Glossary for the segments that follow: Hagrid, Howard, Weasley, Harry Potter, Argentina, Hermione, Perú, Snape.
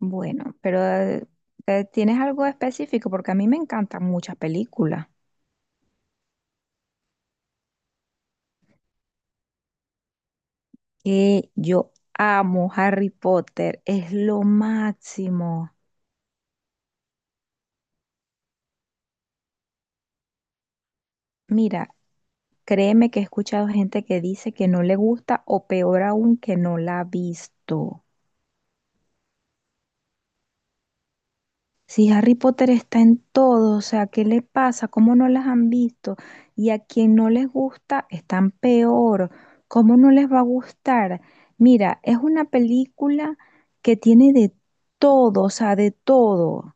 Bueno, pero ¿tienes algo específico? Porque a mí me encantan muchas películas. Que yo amo Harry Potter, es lo máximo. Mira, créeme que he escuchado gente que dice que no le gusta o peor aún que no la ha visto. Si Harry Potter está en todo, o sea, ¿qué le pasa? ¿Cómo no las han visto? Y a quien no les gusta, están peor. ¿Cómo no les va a gustar? Mira, es una película que tiene de todo, o sea, de todo.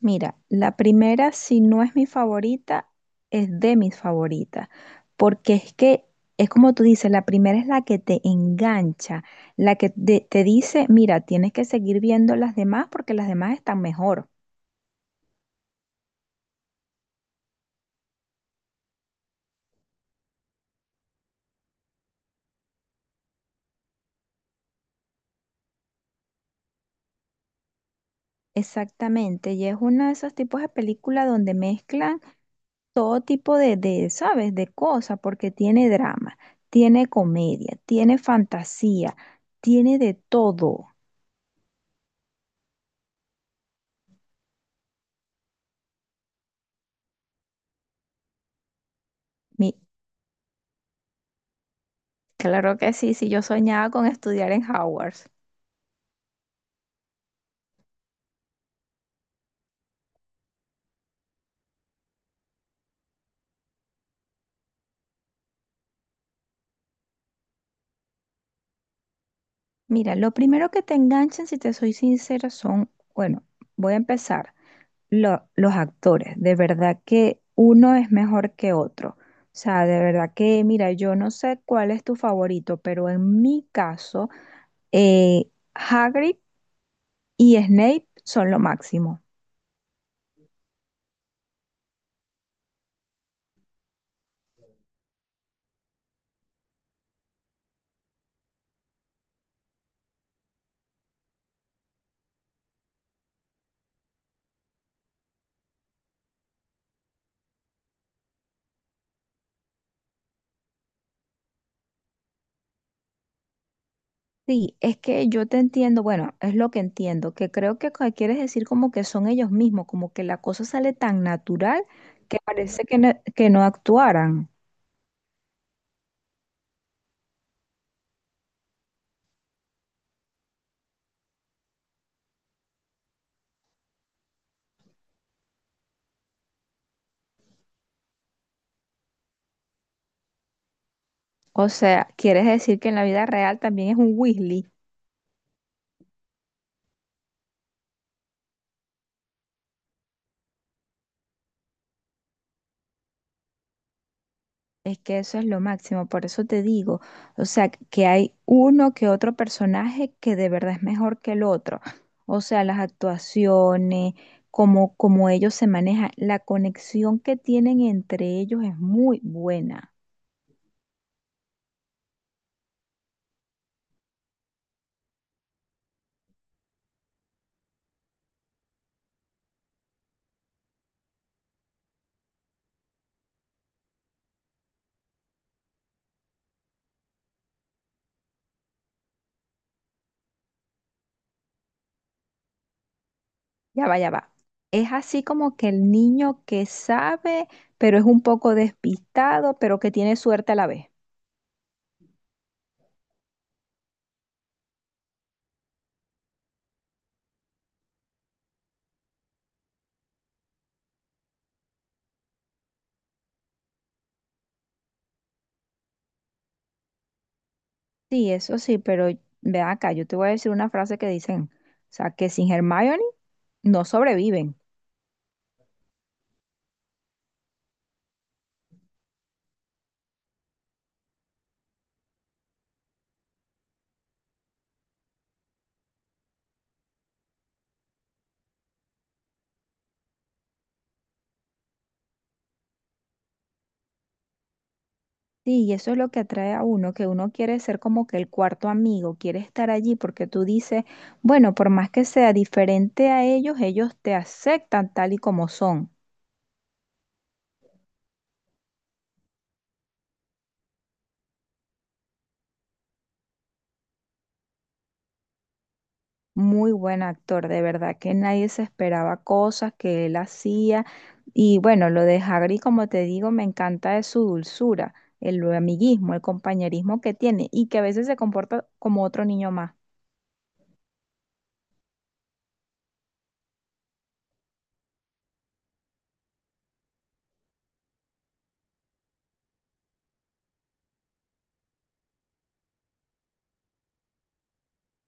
Mira, la primera, si no es mi favorita, es de mis favoritas, porque es que es como tú dices, la primera es la que te engancha, la que te dice, mira, tienes que seguir viendo las demás porque las demás están mejor. Exactamente, y es uno de esos tipos de películas donde mezclan todo tipo ¿sabes? De cosas, porque tiene drama, tiene comedia, tiene fantasía, tiene de todo. Mi- claro que sí, sí, yo soñaba con estudiar en Howard. Mira, lo primero que te enganchan, si te soy sincera, son, bueno, voy a empezar, los actores. De verdad que uno es mejor que otro. O sea, de verdad que, mira, yo no sé cuál es tu favorito, pero en mi caso, Hagrid y Snape son lo máximo. Sí, es que yo te entiendo, bueno, es lo que entiendo, que creo que quieres decir como que son ellos mismos, como que la cosa sale tan natural que parece que no actuaran. O sea, quieres decir que en la vida real también es un Weasley. Es que eso es lo máximo, por eso te digo, o sea, que hay uno que otro personaje que de verdad es mejor que el otro. O sea, las actuaciones, cómo, cómo ellos se manejan, la conexión que tienen entre ellos es muy buena. Ya va, ya va. Es así como que el niño que sabe, pero es un poco despistado, pero que tiene suerte a la vez. Sí, eso sí, pero ve acá, yo te voy a decir una frase que dicen, o sea, que sin Hermione no sobreviven. Sí, y eso es lo que atrae a uno, que uno quiere ser como que el cuarto amigo, quiere estar allí porque tú dices, bueno, por más que sea diferente a ellos, ellos te aceptan tal y como son. Muy buen actor, de verdad que nadie se esperaba cosas que él hacía. Y bueno, lo de Hagrid, como te digo, me encanta de su dulzura, el amiguismo, el compañerismo que tiene y que a veces se comporta como otro niño más.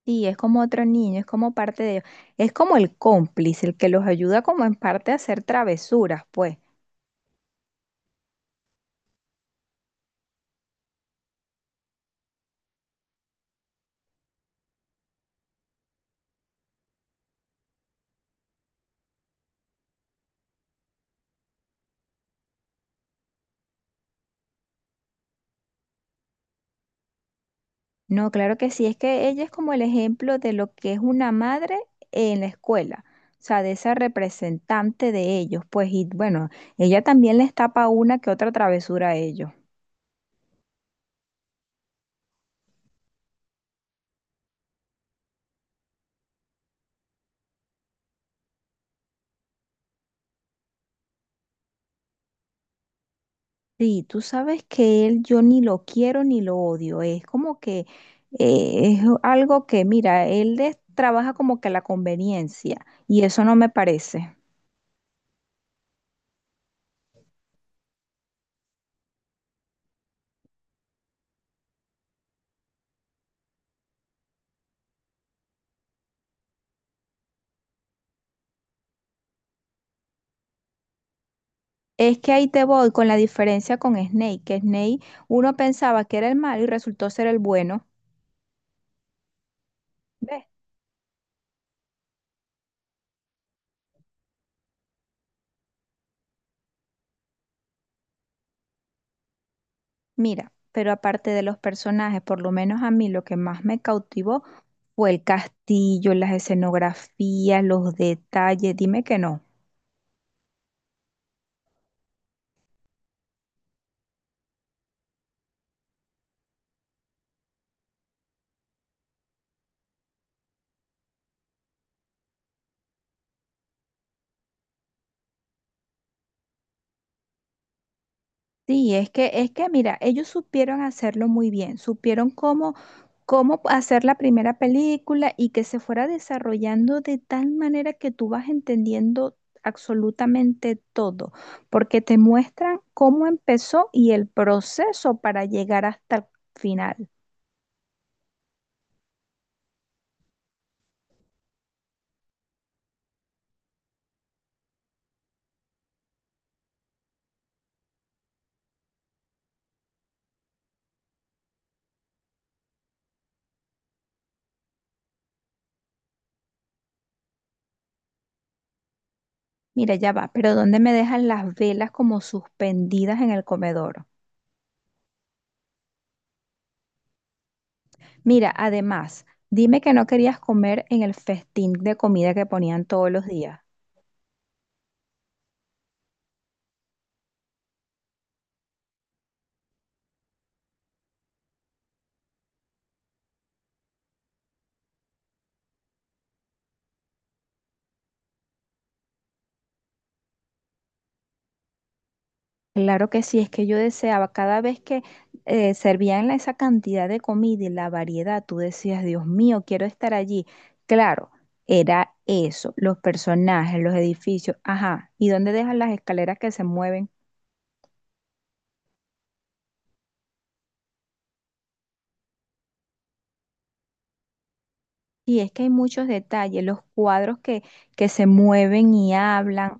Sí, es como otro niño, es como parte de ellos. Es como el cómplice, el que los ayuda como en parte a hacer travesuras, pues. No, claro que sí, es que ella es como el ejemplo de lo que es una madre en la escuela, o sea, de esa representante de ellos, pues, y bueno, ella también les tapa una que otra travesura a ellos. Sí, tú sabes que él yo ni lo quiero ni lo odio, es como que es algo que, mira, él les trabaja como que la conveniencia, y eso no me parece. Es que ahí te voy con la diferencia con Snake, que Snake uno pensaba que era el malo y resultó ser el bueno. ¿Ves? Mira, pero aparte de los personajes, por lo menos a mí lo que más me cautivó fue el castillo, las escenografías, los detalles, dime que no. Sí, es que mira, ellos supieron hacerlo muy bien, supieron cómo hacer la primera película y que se fuera desarrollando de tal manera que tú vas entendiendo absolutamente todo, porque te muestran cómo empezó y el proceso para llegar hasta el final. Mira, ya va, pero ¿dónde me dejan las velas como suspendidas en el comedor? Mira, además, dime que no querías comer en el festín de comida que ponían todos los días. Claro que sí, es que yo deseaba cada vez que servían esa cantidad de comida y la variedad, tú decías, Dios mío, quiero estar allí. Claro, era eso, los personajes, los edificios, ajá, ¿y dónde dejan las escaleras que se mueven? Y es que hay muchos detalles, los cuadros que se mueven y hablan,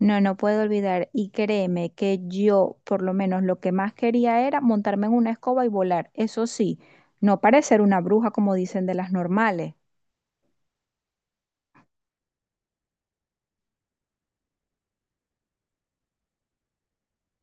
no, no puedo olvidar, y créeme que yo, por lo menos, lo que más quería era montarme en una escoba y volar, eso sí, no parecer una bruja como dicen de las normales.